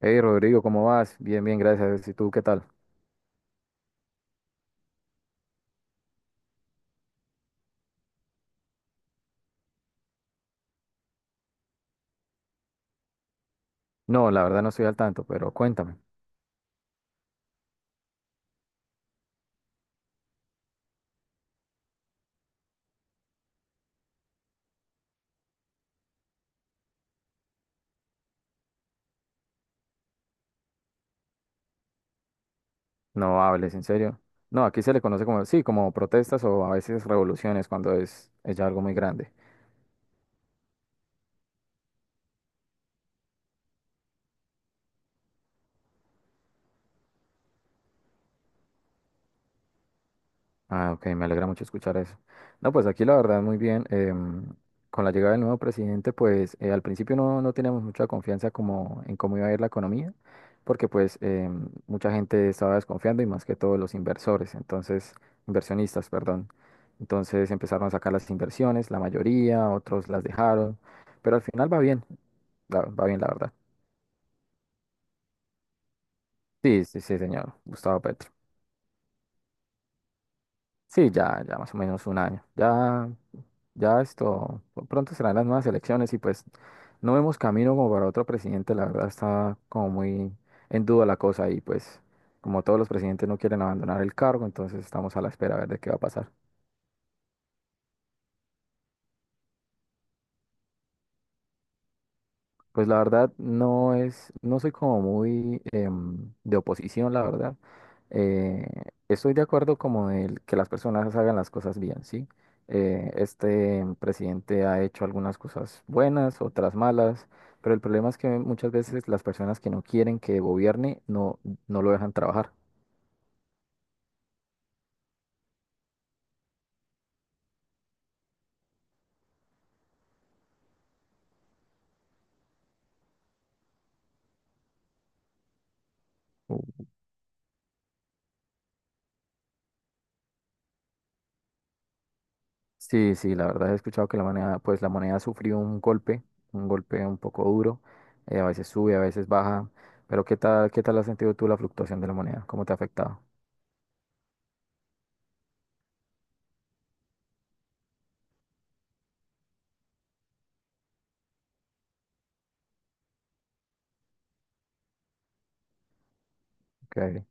Hey Rodrigo, ¿cómo vas? Bien, bien, gracias. ¿Y tú qué tal? No, la verdad no estoy al tanto, pero cuéntame. No hables, en serio. No, aquí se le conoce como, sí, como protestas o a veces revoluciones cuando es ya algo muy grande. Ah, ok, me alegra mucho escuchar eso. No, pues aquí la verdad muy bien. Con la llegada del nuevo presidente, pues al principio no teníamos mucha confianza como en cómo iba a ir la economía, porque mucha gente estaba desconfiando y más que todo los inversores, entonces, inversionistas, perdón. Entonces empezaron a sacar las inversiones, la mayoría, otros las dejaron, pero al final va bien, va bien la verdad. Sí, sí, sí, señor, Gustavo Petro. Sí, ya, ya más o menos 1 año. Ya, ya esto, pronto serán las nuevas elecciones y pues no vemos camino como para otro presidente, la verdad está como muy en duda la cosa y pues como todos los presidentes no quieren abandonar el cargo, entonces estamos a la espera a ver de qué va a pasar. Pues la verdad no es, no soy como muy de oposición, la verdad. Eh, Estoy de acuerdo como el que las personas hagan las cosas bien, ¿sí? Este presidente ha hecho algunas cosas buenas, otras malas, pero el problema es que muchas veces las personas que no quieren que gobierne no lo dejan trabajar. Sí, sí, la verdad he escuchado que la moneda, pues la moneda sufrió un golpe, un golpe un poco duro, a veces sube, a veces baja, pero qué tal has sentido tú la fluctuación de la moneda? ¿Cómo te ha afectado? Okay.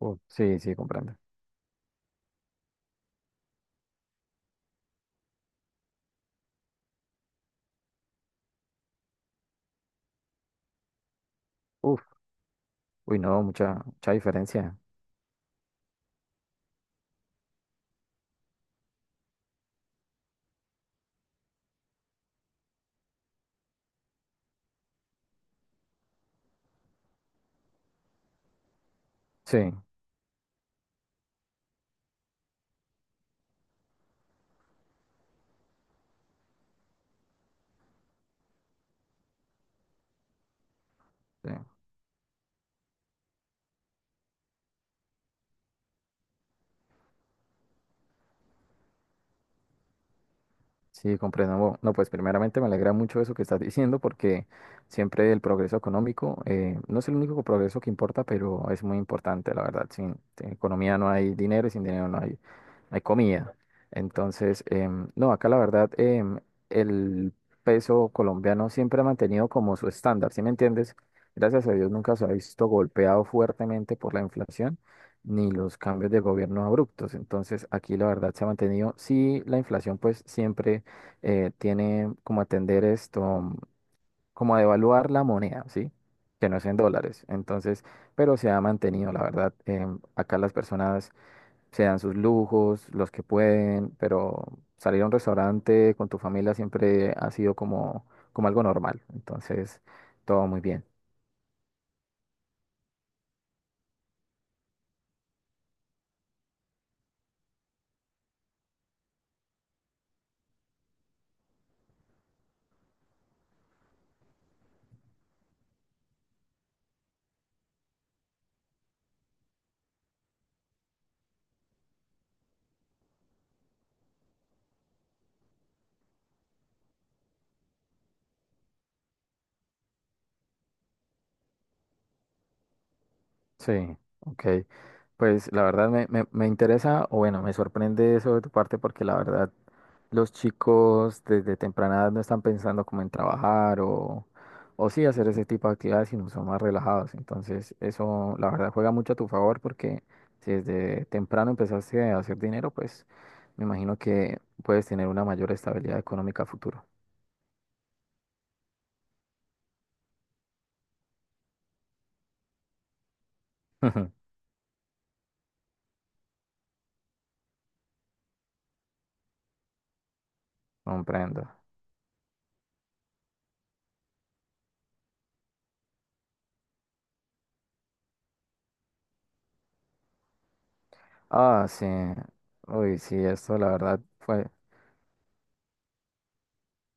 Uf, sí, sí, comprendo. Uf, uy, no, mucha, mucha diferencia. Sí, sí, sí, comprendo. Bueno, no, pues primeramente me alegra mucho eso que estás diciendo porque siempre el progreso económico, no es el único progreso que importa, pero es muy importante, la verdad. Sin economía no hay dinero y sin dinero no hay comida. Entonces, no, acá la verdad, el peso colombiano siempre ha mantenido como su estándar, ¿sí me entiendes? Gracias a Dios nunca se ha visto golpeado fuertemente por la inflación ni los cambios de gobierno abruptos. Entonces, aquí la verdad se ha mantenido. Sí, la inflación pues siempre tiene como atender esto, mm, como a devaluar la moneda, ¿sí? Que no es en dólares. Entonces, pero se ha mantenido, la verdad. Acá las personas se dan sus lujos, los que pueden, pero salir a un restaurante con tu familia siempre ha sido como, como algo normal. Entonces, todo muy bien. Sí, ok. Pues la verdad me interesa, o bueno, me sorprende eso de tu parte porque la verdad los chicos desde temprana edad no están pensando como en trabajar o sí hacer ese tipo de actividades, sino son más relajados. Entonces eso la verdad juega mucho a tu favor porque si desde temprano empezaste a hacer dinero, pues me imagino que puedes tener una mayor estabilidad económica a futuro. Comprendo. Ah, sí. Uy, sí, esto la verdad fue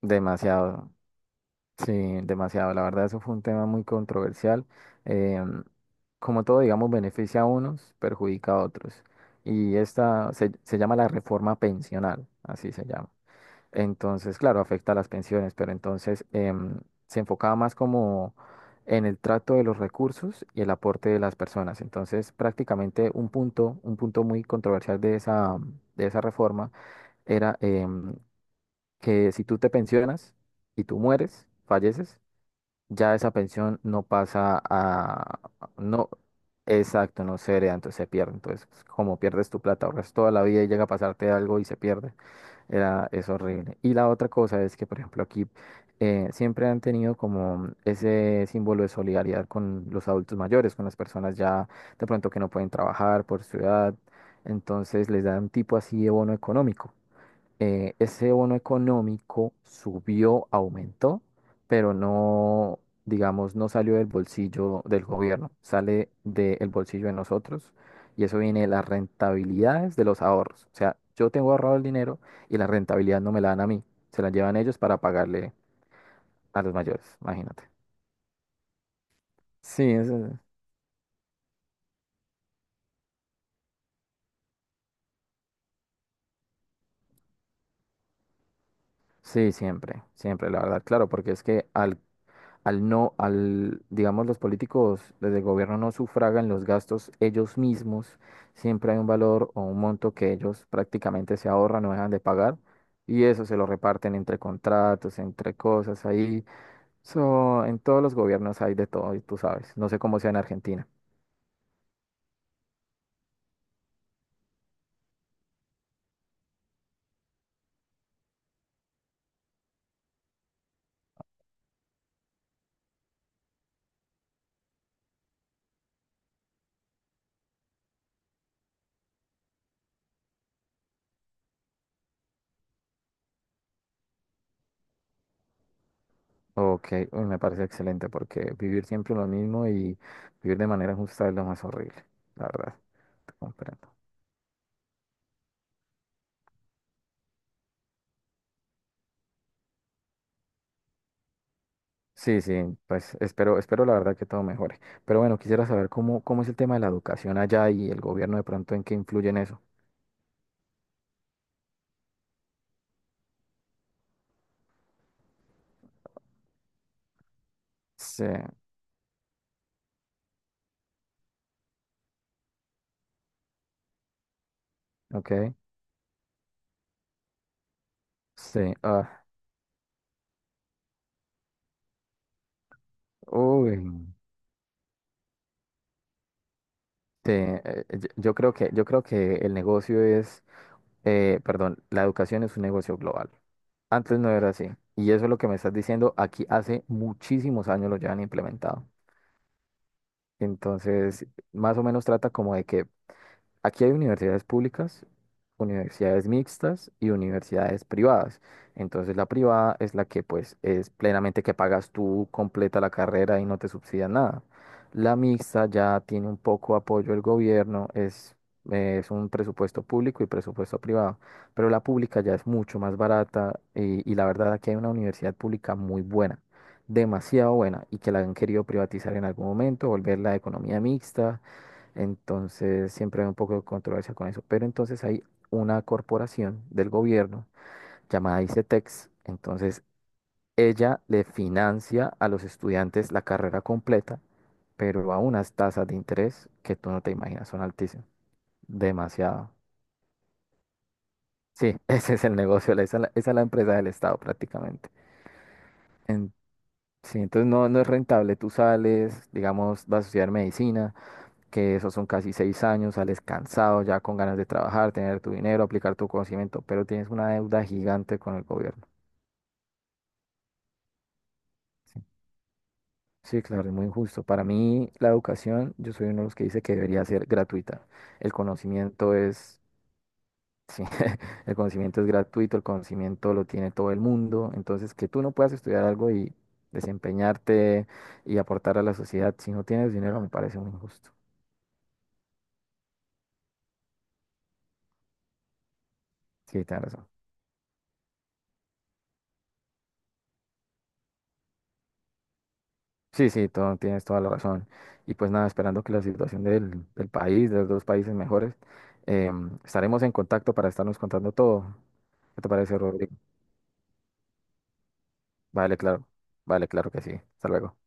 demasiado. Sí, demasiado. La verdad, eso fue un tema muy controversial. Em, Como todo, digamos, beneficia a unos, perjudica a otros. Y esta se llama la reforma pensional, así se llama. Entonces, claro, afecta a las pensiones, pero entonces se enfocaba más como en el trato de los recursos y el aporte de las personas. Entonces, prácticamente un punto muy controversial de de esa reforma era que si tú te pensionas y tú mueres, falleces, ya esa pensión no, exacto, no se hereda, entonces se pierde. Entonces, pues, como pierdes tu plata, ahorras toda la vida y llega a pasarte algo y se pierde. Es horrible. Y la otra cosa es que, por ejemplo, aquí siempre han tenido como ese símbolo de solidaridad con los adultos mayores, con las personas ya de pronto que no pueden trabajar por su edad. Entonces les dan un tipo así de bono económico. Ese bono económico subió, aumentó, pero no, digamos, no salió del bolsillo del gobierno, sale del bolsillo de nosotros y eso viene de las rentabilidades de los ahorros. O sea, yo tengo ahorrado el dinero y la rentabilidad no me la dan a mí, se la llevan ellos para pagarle a los mayores, imagínate. Sí, eso- sí, siempre, siempre, la verdad, claro, porque es que al no, al, digamos, los políticos desde el gobierno no sufragan los gastos ellos mismos, siempre hay un valor o un monto que ellos prácticamente se ahorran, no dejan de pagar, y eso se lo reparten entre contratos, entre cosas ahí. So, en todos los gobiernos hay de todo, y tú sabes. No sé cómo sea en Argentina. Ok, uy, me parece excelente porque vivir siempre lo mismo y vivir de manera justa es lo más horrible, la verdad. Te comprendo. Sí, sí, pues espero, espero la verdad que todo mejore. Pero bueno, quisiera saber cómo, cómo es el tema de la educación allá y el gobierno de pronto en qué influye en eso. Sí, ok. Sí, ah, uy, sí, yo creo que, yo creo que el negocio es, perdón, la educación es un negocio global. Antes no era así. Y eso es lo que me estás diciendo, aquí hace muchísimos años lo llevan implementado. Entonces, más o menos trata como de que aquí hay universidades públicas, universidades mixtas y universidades privadas. Entonces la privada es la que pues es plenamente que pagas tú completa la carrera y no te subsidian nada. La mixta ya tiene un poco apoyo del gobierno, es un presupuesto público y presupuesto privado, pero la pública ya es mucho más barata y la verdad aquí hay una universidad pública muy buena, demasiado buena y que la han querido privatizar en algún momento, volver la economía mixta, entonces siempre hay un poco de controversia con eso. Pero entonces hay una corporación del gobierno llamada ICETEX. Entonces ella le financia a los estudiantes la carrera completa, pero a unas tasas de interés que tú no te imaginas, son altísimas. Demasiado. Sí, ese es el negocio, la- esa, es la esa es la empresa del Estado prácticamente. En- sí, entonces no, no es rentable. Tú sales, digamos, vas a estudiar medicina, que esos son casi 6 años, sales cansado, ya con ganas de trabajar, tener tu dinero, aplicar tu conocimiento, pero tienes una deuda gigante con el gobierno. Sí, sí, claro, es muy injusto. Para mí, la educación, yo soy uno de los que dice que debería ser gratuita. El conocimiento es, sí, el conocimiento es gratuito, el conocimiento lo tiene todo el mundo. Entonces, que tú no puedas estudiar algo y desempeñarte y aportar a la sociedad si no tienes dinero me parece muy injusto. Sí, tienes razón. Sí, sí, todo, tienes toda la razón. Y pues nada, esperando que la situación del país, de los dos países mejores, estaremos en contacto para estarnos contando todo. ¿Qué te parece, Rodrigo? Vale, claro. Vale, claro que sí. Hasta luego.